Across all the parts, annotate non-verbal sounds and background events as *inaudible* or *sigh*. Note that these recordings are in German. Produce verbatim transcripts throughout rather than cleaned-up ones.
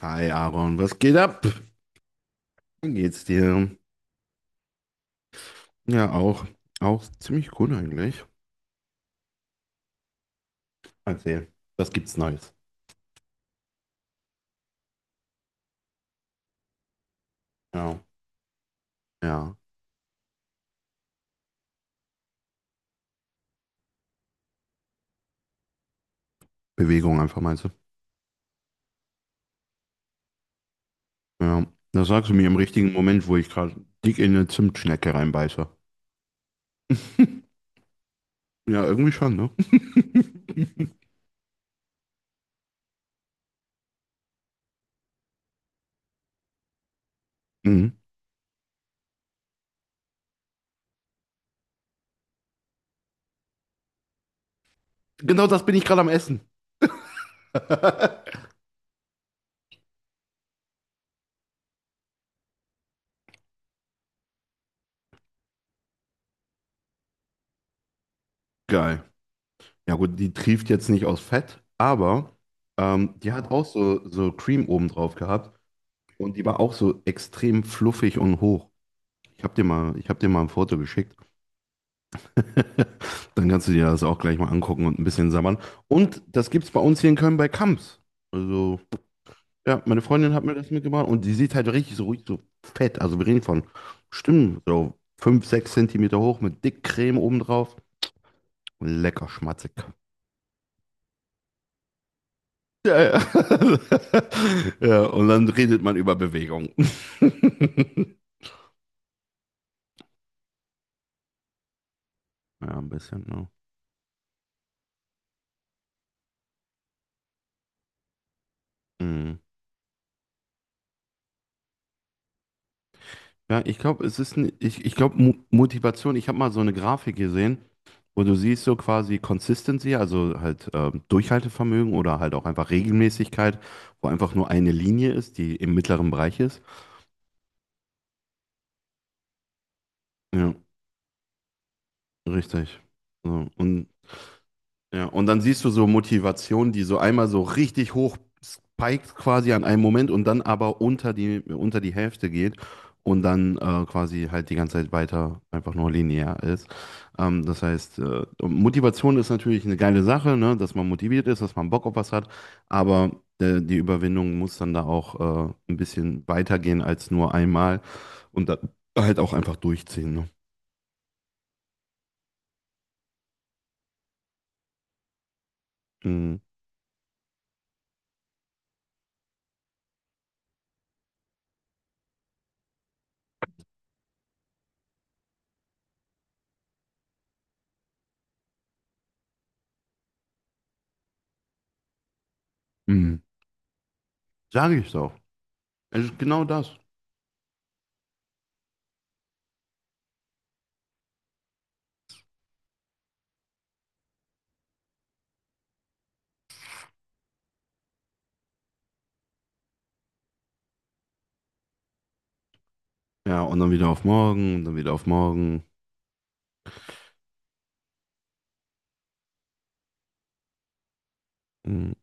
Hi Aaron, was geht ab? Wie geht's dir? Ja, auch. Auch ziemlich gut eigentlich. Erzähl. Was gibt's Neues? Ja. Ja. Bewegung einfach meinst du? Ja. Das sagst du mir im richtigen Moment, wo ich gerade dick in eine Zimtschnecke reinbeiße. *laughs* Ja, irgendwie schon, ne? *laughs* Mhm. Genau das bin ich gerade am Essen. *laughs* Geil. Ja gut, die trieft jetzt nicht aus Fett, aber ähm, die hat auch so, so Cream oben drauf gehabt und die war auch so extrem fluffig und hoch. Ich habe dir mal, ich hab dir mal ein Foto geschickt. *laughs* Dann kannst du dir das auch gleich mal angucken und ein bisschen sabbern. Und das gibt's bei uns hier in Köln bei Kamps. Also, ja, meine Freundin hat mir das mitgebracht und die sieht halt richtig so, richtig so fett. Also wir reden von bestimmt so fünf, sechs Zentimeter hoch mit Dickcreme obendrauf. Lecker schmatzig. Ja, ja. *laughs* Ja, und dann redet man über Bewegung. Ja, ein bisschen, ne? Mhm. Ja, ich glaube, es ist, n- ich, ich glaube, Mo Motivation, ich habe mal so eine Grafik gesehen, wo du siehst so quasi Consistency, also halt ähm, Durchhaltevermögen oder halt auch einfach Regelmäßigkeit, wo einfach nur eine Linie ist, die im mittleren Bereich ist. Ja, richtig. So, und Ja, und dann siehst du so Motivationen, die so einmal so richtig hoch spiked quasi an einem Moment und dann aber unter die, unter die Hälfte geht und dann äh, quasi halt die ganze Zeit weiter einfach nur linear ist. Ähm, das heißt, äh, Motivation ist natürlich eine geile Sache, ne, dass man motiviert ist, dass man Bock auf was hat, aber äh, die Überwindung muss dann da auch äh, ein bisschen weitergehen als nur einmal und dann halt auch einfach durchziehen. Ne? Mhm. Mhm. Sage ich doch. Es ist genau das. Ja, und dann wieder auf morgen, und dann wieder auf morgen. Mhm.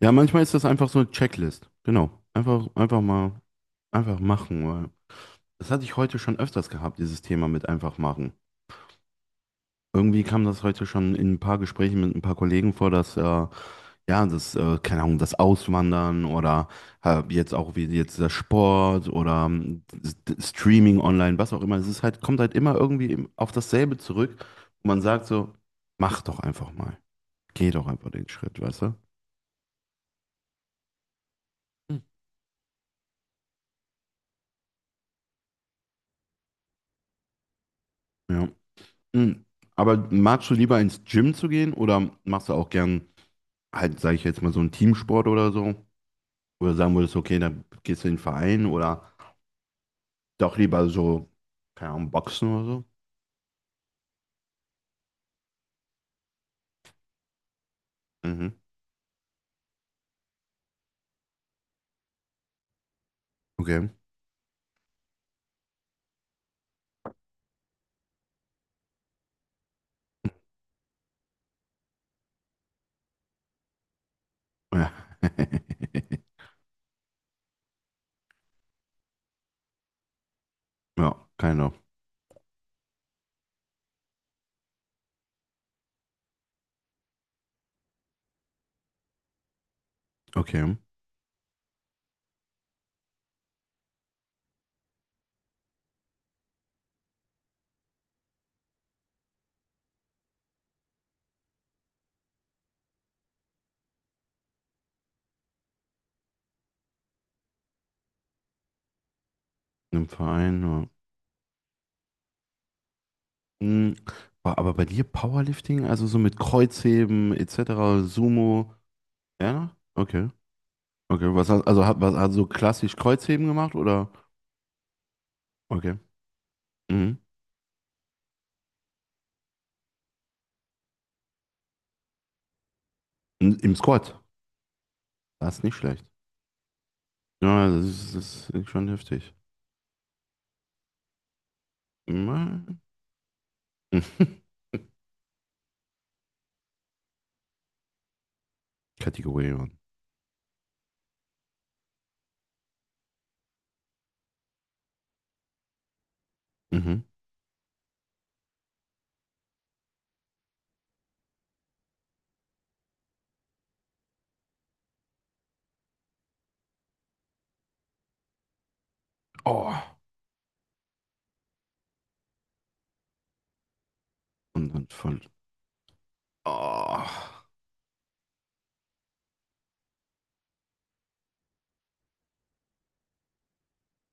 Ja, manchmal ist das einfach so eine Checklist. Genau. Einfach, einfach mal, einfach machen, weil das hatte ich heute schon öfters gehabt, dieses Thema mit einfach machen. Irgendwie kam das heute schon in ein paar Gesprächen mit ein paar Kollegen vor, dass, äh, ja, das, äh, keine Ahnung, das Auswandern oder äh, jetzt auch wie jetzt der Sport oder ähm, S- Streaming online, was auch immer. Es ist halt, kommt halt immer irgendwie im- auf dasselbe zurück. Und man sagt so, mach doch einfach mal. Geh doch einfach den Schritt, weißt du? Hm. Ja. Hm. Aber magst du lieber ins Gym zu gehen oder machst du auch gern halt, sage ich jetzt mal, so einen Teamsport oder so? Oder sagen würdest, okay, dann gehst du in den Verein oder doch lieber so, keine Ahnung, Boxen oder so? Mhm. Okay. Ja. *laughs* Ja, keiner. Okay. Im Verein. Ja. Hm. Boah, Aber bei dir Powerlifting, also so mit Kreuzheben et cetera, Sumo, ja? Okay. Okay. Was hast, also hat, was, hast du so klassisch Kreuzheben gemacht oder? Okay. Mhm. N- Im Squad. Das ist nicht schlecht. Ja, das ist, das ist schon heftig. Mhm. *laughs* Kategorie. und- Mhm. Oh. Und dann voll. Oh.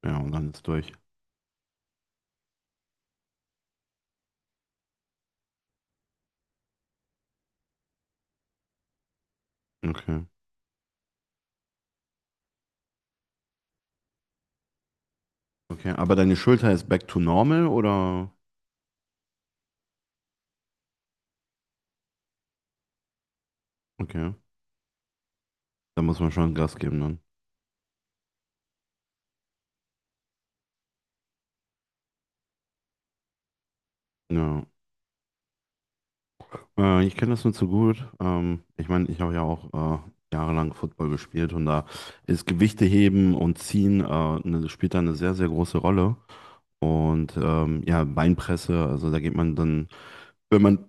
Ja, und dann ist durch. Okay. Okay. Aber deine Schulter ist back to normal oder? Okay. Da muss man schon Gas geben dann. Ja. Äh, ich kenne das nur zu gut. Ähm, ich meine, ich habe ja auch äh, jahrelang Football gespielt und da ist Gewichte heben und ziehen äh, ne, spielt da eine sehr, sehr große Rolle. Und ähm, ja, Beinpresse, also da geht man dann, wenn man,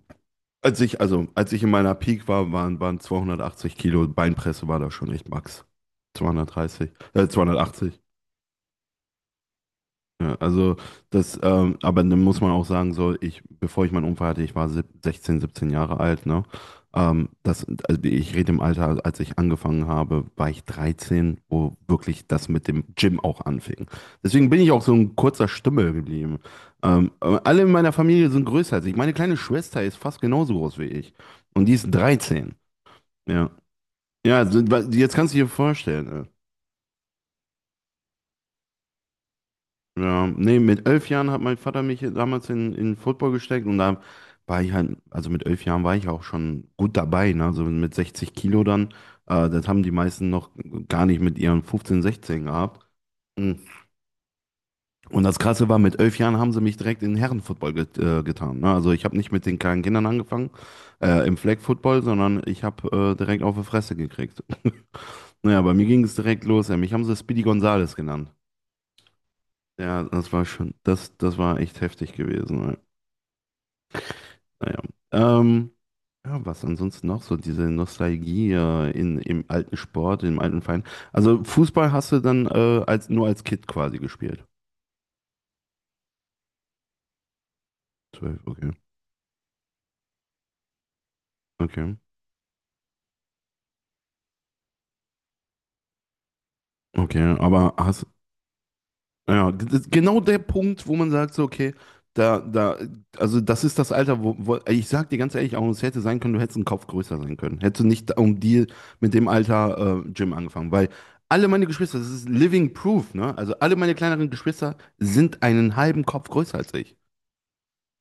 als ich, also als ich in meiner Peak war, waren, waren zweihundertachtzig Kilo, Beinpresse war da schon echt Max. zweihundertdreißig, äh, zweihundertachtzig. Ja, also das, ähm, aber dann muss man auch sagen, so ich, bevor ich meinen Unfall hatte, ich war sieb- sechzehn, siebzehn Jahre alt, ne? Ähm, das, also ich rede im Alter, als ich angefangen habe, war ich dreizehn, wo wirklich das mit dem Gym auch anfing. Deswegen bin ich auch so ein kurzer Stümmel geblieben. Ähm, aber alle in meiner Familie sind größer als ich. Meine kleine Schwester ist fast genauso groß wie ich. Und die ist dreizehn. Ja. Ja, also, jetzt kannst du dir vorstellen. äh, Ja, nee, mit elf Jahren hat mein Vater mich damals in, in Football gesteckt und da war ich halt, also mit elf Jahren war ich auch schon gut dabei, ne? So mit sechzig Kilo dann. Äh, das haben die meisten noch gar nicht mit ihren fünfzehn, sechzehn gehabt. Mhm. Und das Krasse war, mit elf Jahren haben sie mich direkt in Herrenfootball get, äh, getan. Ne? Also ich habe nicht mit den kleinen Kindern angefangen, äh, im Flag Football, sondern ich habe äh, direkt auf die Fresse gekriegt. *laughs* Naja, bei mir ging es direkt los. ey. Mich haben sie Speedy Gonzales genannt. Ja, das war schon, das, das war echt heftig gewesen. weil- Naja. Ähm, ja, was ansonsten noch so, diese Nostalgie äh, in, im alten Sport, im alten Verein. Also Fußball hast du dann äh, als, nur als Kind quasi gespielt. Zwölf, okay. Okay. Okay, aber hast Ja, g- das genau der Punkt, wo man sagt, so, okay, da, da, also das ist das Alter, wo, wo ich sag dir ganz ehrlich, auch es hätte sein können, du hättest einen Kopf größer sein können. Hättest du nicht um die mit dem Alter äh, Gym angefangen, weil alle meine Geschwister, das ist living proof, ne? Also alle meine kleineren Geschwister sind einen halben Kopf größer als ich.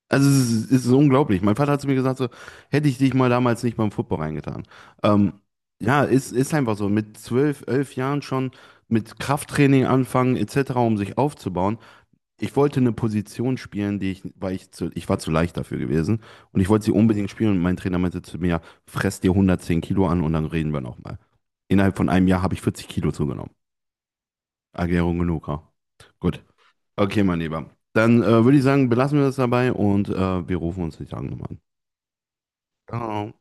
Also es ist, es ist unglaublich. Mein Vater hat zu mir gesagt, so, hätte ich dich mal damals nicht beim Football reingetan. Ähm, ja, ist, ist einfach so. Mit zwölf, elf Jahren schon mit Krafttraining anfangen, et cetera, um sich aufzubauen ich wollte eine Position spielen, die ich, weil ich zu, ich war zu leicht dafür gewesen und ich wollte sie unbedingt spielen und mein Trainer meinte zu mir, fress dir hundertzehn Kilo an und dann reden wir nochmal. Innerhalb von einem Jahr habe ich vierzig Kilo zugenommen. Erklärung genug, ja. Gut. Okay, mein Lieber. Dann äh, würde ich sagen, belassen wir das dabei und äh, wir rufen uns die Tage nochmal an. Ciao.